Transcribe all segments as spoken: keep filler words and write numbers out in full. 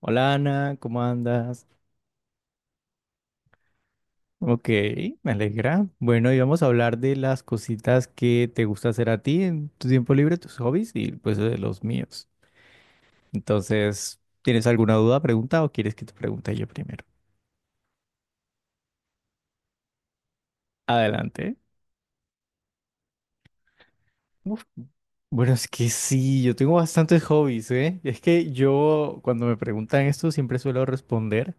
Hola, Ana, ¿cómo andas? Ok, me alegra. Bueno, y vamos a hablar de las cositas que te gusta hacer a ti en tu tiempo libre, tus hobbies y pues de los míos. Entonces, ¿tienes alguna duda, pregunta o quieres que te pregunte yo primero? Adelante. Uf, Bueno, es que sí, yo tengo bastantes hobbies, ¿eh? Es que yo cuando me preguntan esto siempre suelo responder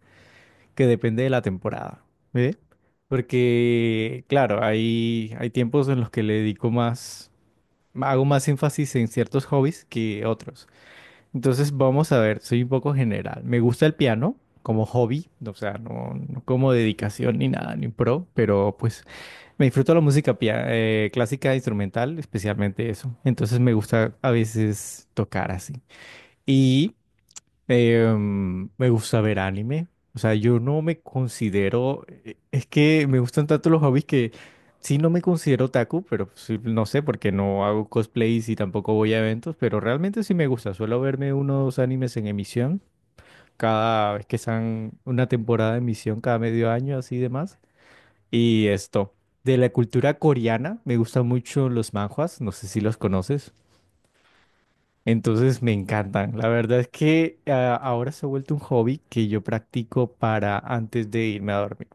que depende de la temporada, ¿eh? Porque, claro, hay, hay tiempos en los que le dedico más. Hago más énfasis en ciertos hobbies que otros. Entonces, vamos a ver, soy un poco general. Me gusta el piano como hobby, o sea, no, no como dedicación ni nada, ni pro, pero pues me disfruto la música pia- eh, clásica, instrumental, especialmente eso. Entonces, me gusta a veces tocar así. Y Em, me gusta ver anime. O sea, yo no me considero. e- Es que me gustan tanto los hobbies que sí, no me considero otaku, pero sí, no sé, porque no hago cosplays y tampoco voy a eventos, pero realmente sí me gusta. Suelo verme unos animes en emisión cada vez que están una temporada de emisión, cada medio año, así demás. Y esto. De la cultura coreana, me gustan mucho los manhwas. No sé si los conoces. Entonces me encantan. La verdad es que ah, ahora se ha vuelto un hobby que yo practico para antes de irme a dormir.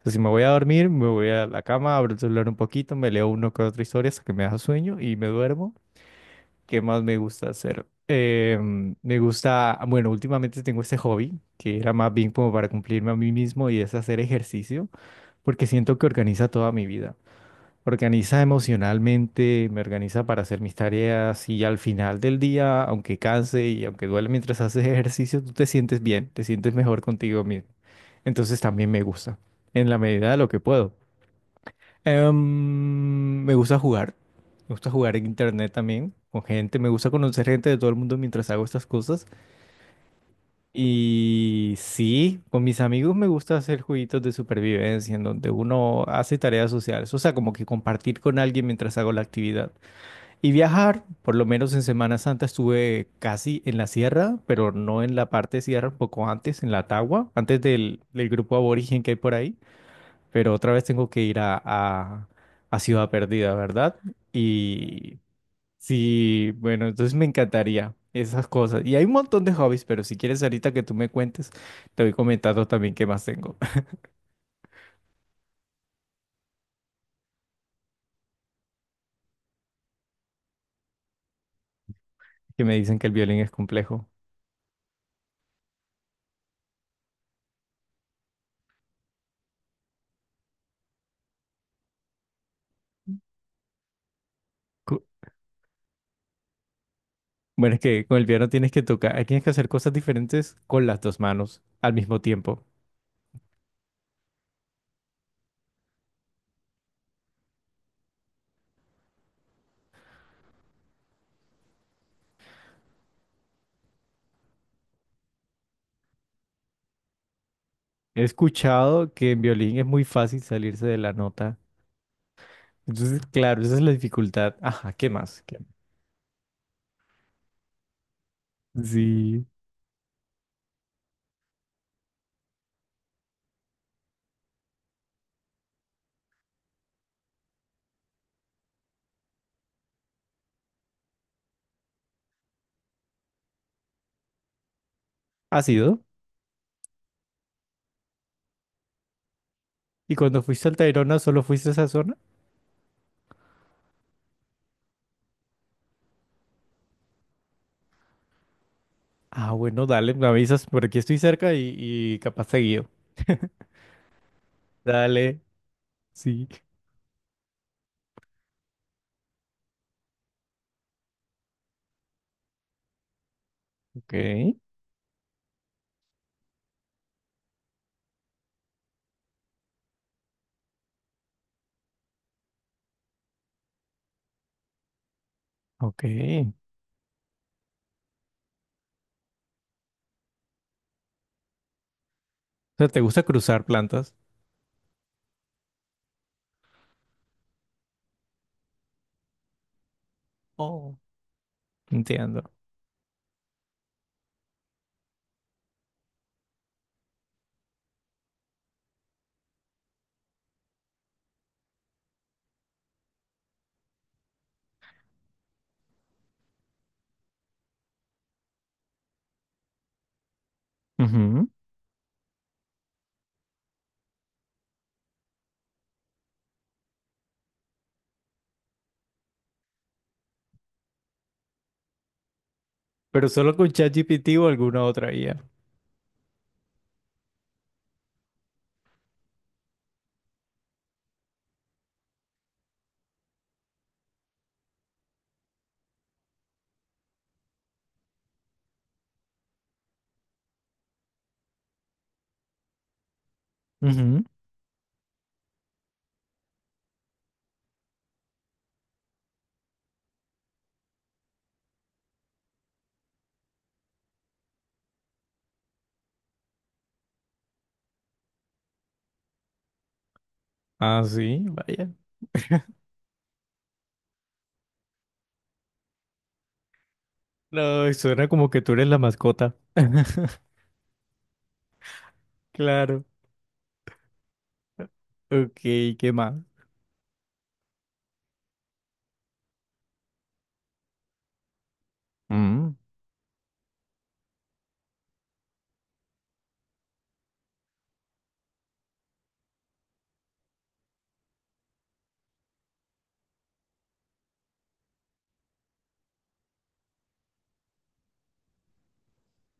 O sea, si me voy a dormir, me voy a la cama, abro el celular un poquito, me leo uno que otra historia hasta que me da sueño y me duermo. ¿Qué más me gusta hacer? Em, me gusta, bueno, últimamente tengo este hobby que era más bien como para cumplirme a mí mismo y es hacer ejercicio porque siento que organiza toda mi vida, organiza emocionalmente, me organiza para hacer mis tareas y al final del día, aunque canse y aunque duele mientras haces ejercicio, tú te sientes bien, te sientes mejor contigo mismo. Entonces también me gusta, en la medida de lo que puedo. Em, me gusta jugar, me gusta jugar en internet también, con gente, me gusta conocer gente de todo el mundo mientras hago estas cosas. Y sí, con mis amigos me gusta hacer jueguitos de supervivencia en donde uno hace tareas sociales, o sea, como que compartir con alguien mientras hago la actividad. Y viajar, por lo menos en Semana Santa estuve casi en la sierra, pero no en la parte sierra, un poco antes, en la Tagua, antes del, del grupo aborigen que hay por ahí. Pero otra vez tengo que ir a, a, a Ciudad Perdida, ¿verdad? Y sí, bueno, entonces me encantaría esas cosas. Y hay un montón de hobbies, pero si quieres ahorita que tú me cuentes, te voy comentando también qué más tengo. Que me dicen que el violín es complejo. Cu- Bueno, es que con el piano tienes que tocar, tienes que hacer cosas diferentes con las dos manos al mismo tiempo. He escuchado que en violín es muy fácil salirse de la nota. Entonces, claro, esa es la dificultad. Ajá, ¿qué más? ¿Qué más? Sí. ¿Has ido? ¿Y cuando fuiste al Tayrona solo fuiste a esa zona? Ah, bueno, dale, me avisas, por aquí estoy cerca y, y capaz seguido. Dale, sí. Ok. Ok. O sea, ¿te gusta cruzar plantas? Oh, entiendo. Ujú. Pero solo con ChatGPT o alguna otra I A. Ujú. Ah, sí, vaya. No, suena como que tú eres la mascota. Claro. Ok, ¿qué más? Mm,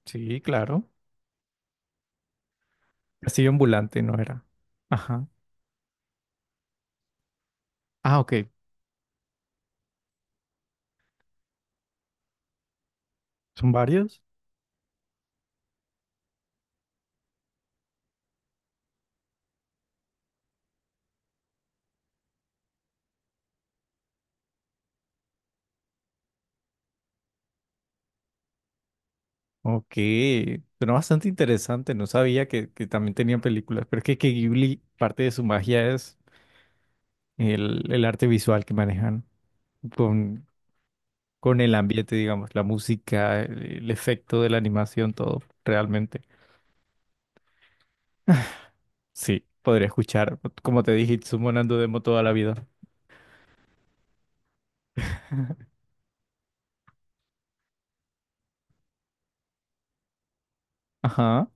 sí, claro. Castillo ambulante, ¿no era? Ajá. Ah, ok. ¿Son varios? Ok, pero bastante interesante, no sabía que, que también tenían películas, pero es que, que Ghibli, parte de su magia es el, el arte visual que manejan con, con el ambiente, digamos, la música, el, el efecto de la animación, todo, realmente. Sí, podría escuchar, como te dije, Itsumo Nando Demo toda la vida. Ajá.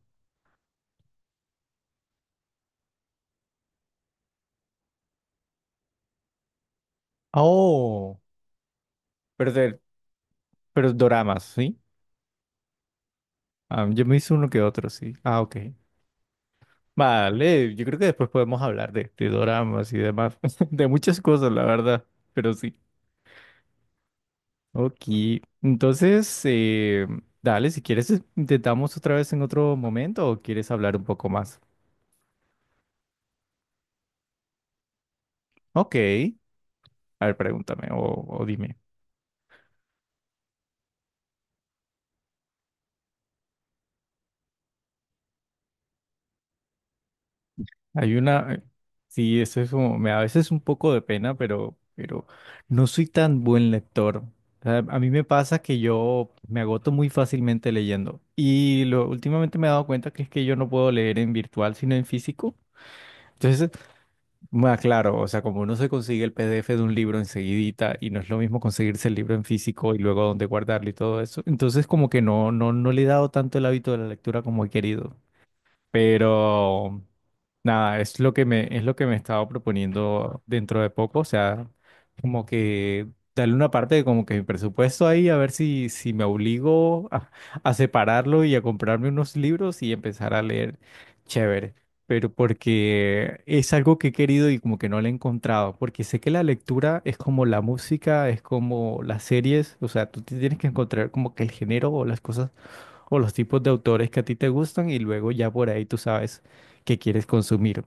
Oh, pero, de- pero doramas, ¿sí? Ah, yo me hice uno que otro, sí. Ah, ok. Vale, yo creo que después podemos hablar de, de doramas y demás, de muchas cosas, la verdad, pero sí. Ok, entonces, eh, dale, si quieres, eh, intentamos otra vez en otro momento o quieres hablar un poco más. Ok, a ver, pregúntame o, o dime. Hay una, eh, sí, eso es como, me da a veces un poco de pena, pero, pero no soy tan buen lector. O sea, a mí me pasa que yo me agoto muy fácilmente leyendo. Y lo, últimamente me he dado cuenta que es que yo no puedo leer en virtual, sino en físico. Entonces, más claro, o sea, como uno se consigue el P D F de un libro enseguidita y no es lo mismo conseguirse el libro en físico y luego dónde guardarlo y todo eso. Entonces, como que no, no, no le he dado tanto el hábito de la lectura como he querido. Pero nada, es lo que me, es lo que me estaba proponiendo dentro de poco. O sea, como que darle una parte de como que mi presupuesto ahí, a ver si, si me obligo a, a separarlo y a comprarme unos libros y empezar a leer. Chévere. Pero porque es algo que he querido y como que no le he encontrado. Porque sé que la lectura es como la música, es como las series. O sea, tú te tienes que encontrar como que el género o las cosas o los tipos de autores que a ti te gustan y luego ya por ahí tú sabes qué quieres consumir.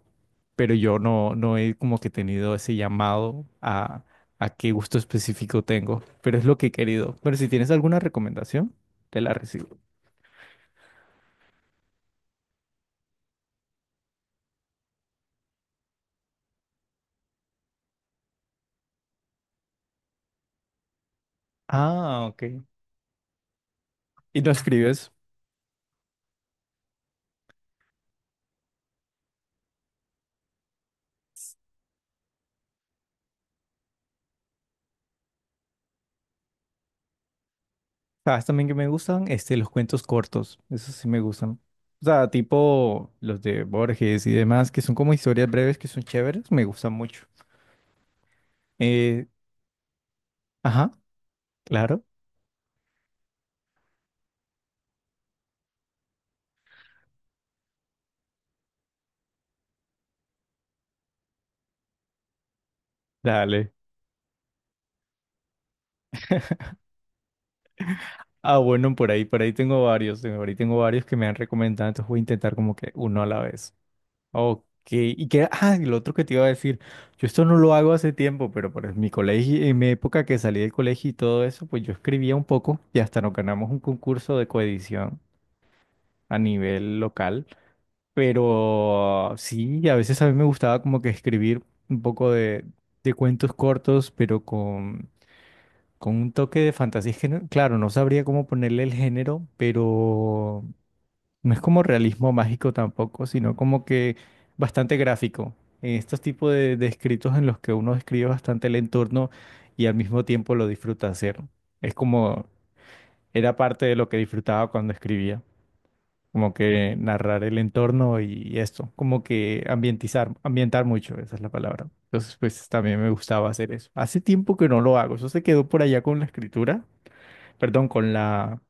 Pero yo no, no he como que tenido ese llamado a, a qué gusto específico tengo, pero es lo que he querido. Pero si tienes alguna recomendación, te la recibo. Ah, ok. Y no escribes. ¿Sabes también que me gustan? Este, los cuentos cortos. Esos sí me gustan. O sea, tipo los de Borges y demás, que son como historias breves que son chéveres, me gustan mucho. Eh, ajá, claro. Dale. Ah, bueno, por ahí, por ahí tengo varios, tengo- por ahí tengo varios que me han recomendado, entonces voy a intentar como que uno a la vez. Ok, y que, ah, y lo otro que te iba a decir, yo esto no lo hago hace tiempo, pero por mi colegio, en mi época que salí del colegio y todo eso, pues yo escribía un poco y hasta nos ganamos un concurso de coedición a nivel local, pero sí, a veces a mí me gustaba como que escribir un poco de, de cuentos cortos, pero con con un toque de fantasía. Es que, no- claro, no sabría cómo ponerle el género, pero no es como realismo mágico tampoco, sino como que bastante gráfico. En estos tipos de, de escritos en los que uno describe bastante el entorno y al mismo tiempo lo disfruta hacer. Es como, era parte de lo que disfrutaba cuando escribía. Como que narrar el entorno y esto. Como que ambientizar, ambientar mucho, esa es la palabra. Entonces, pues también me gustaba hacer eso. Hace tiempo que no lo hago. Eso se quedó por allá con la escritura, perdón, con la,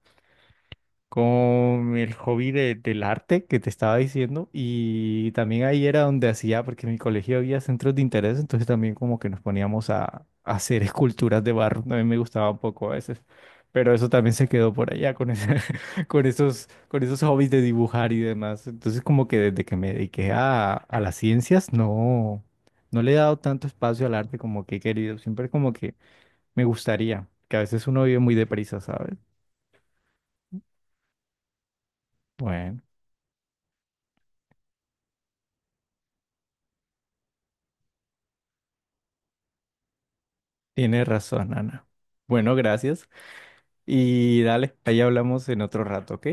con el hobby de- del arte que te estaba diciendo y también ahí era donde hacía, porque en mi colegio había centros de interés, entonces también como que nos poníamos a, a hacer esculturas de barro, también me gustaba un poco a veces, pero eso también se quedó por allá con ese- con esos, con esos hobbies de dibujar y demás, entonces como que desde que me dediqué a, a las ciencias, no, no le he dado tanto espacio al arte como que he querido, siempre como que me gustaría, que a veces uno vive muy deprisa, ¿sabes? Bueno, tienes razón, Ana. Bueno, gracias. Y dale, ahí hablamos en otro rato, ¿ok?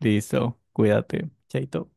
Listo, cuídate. Chaito.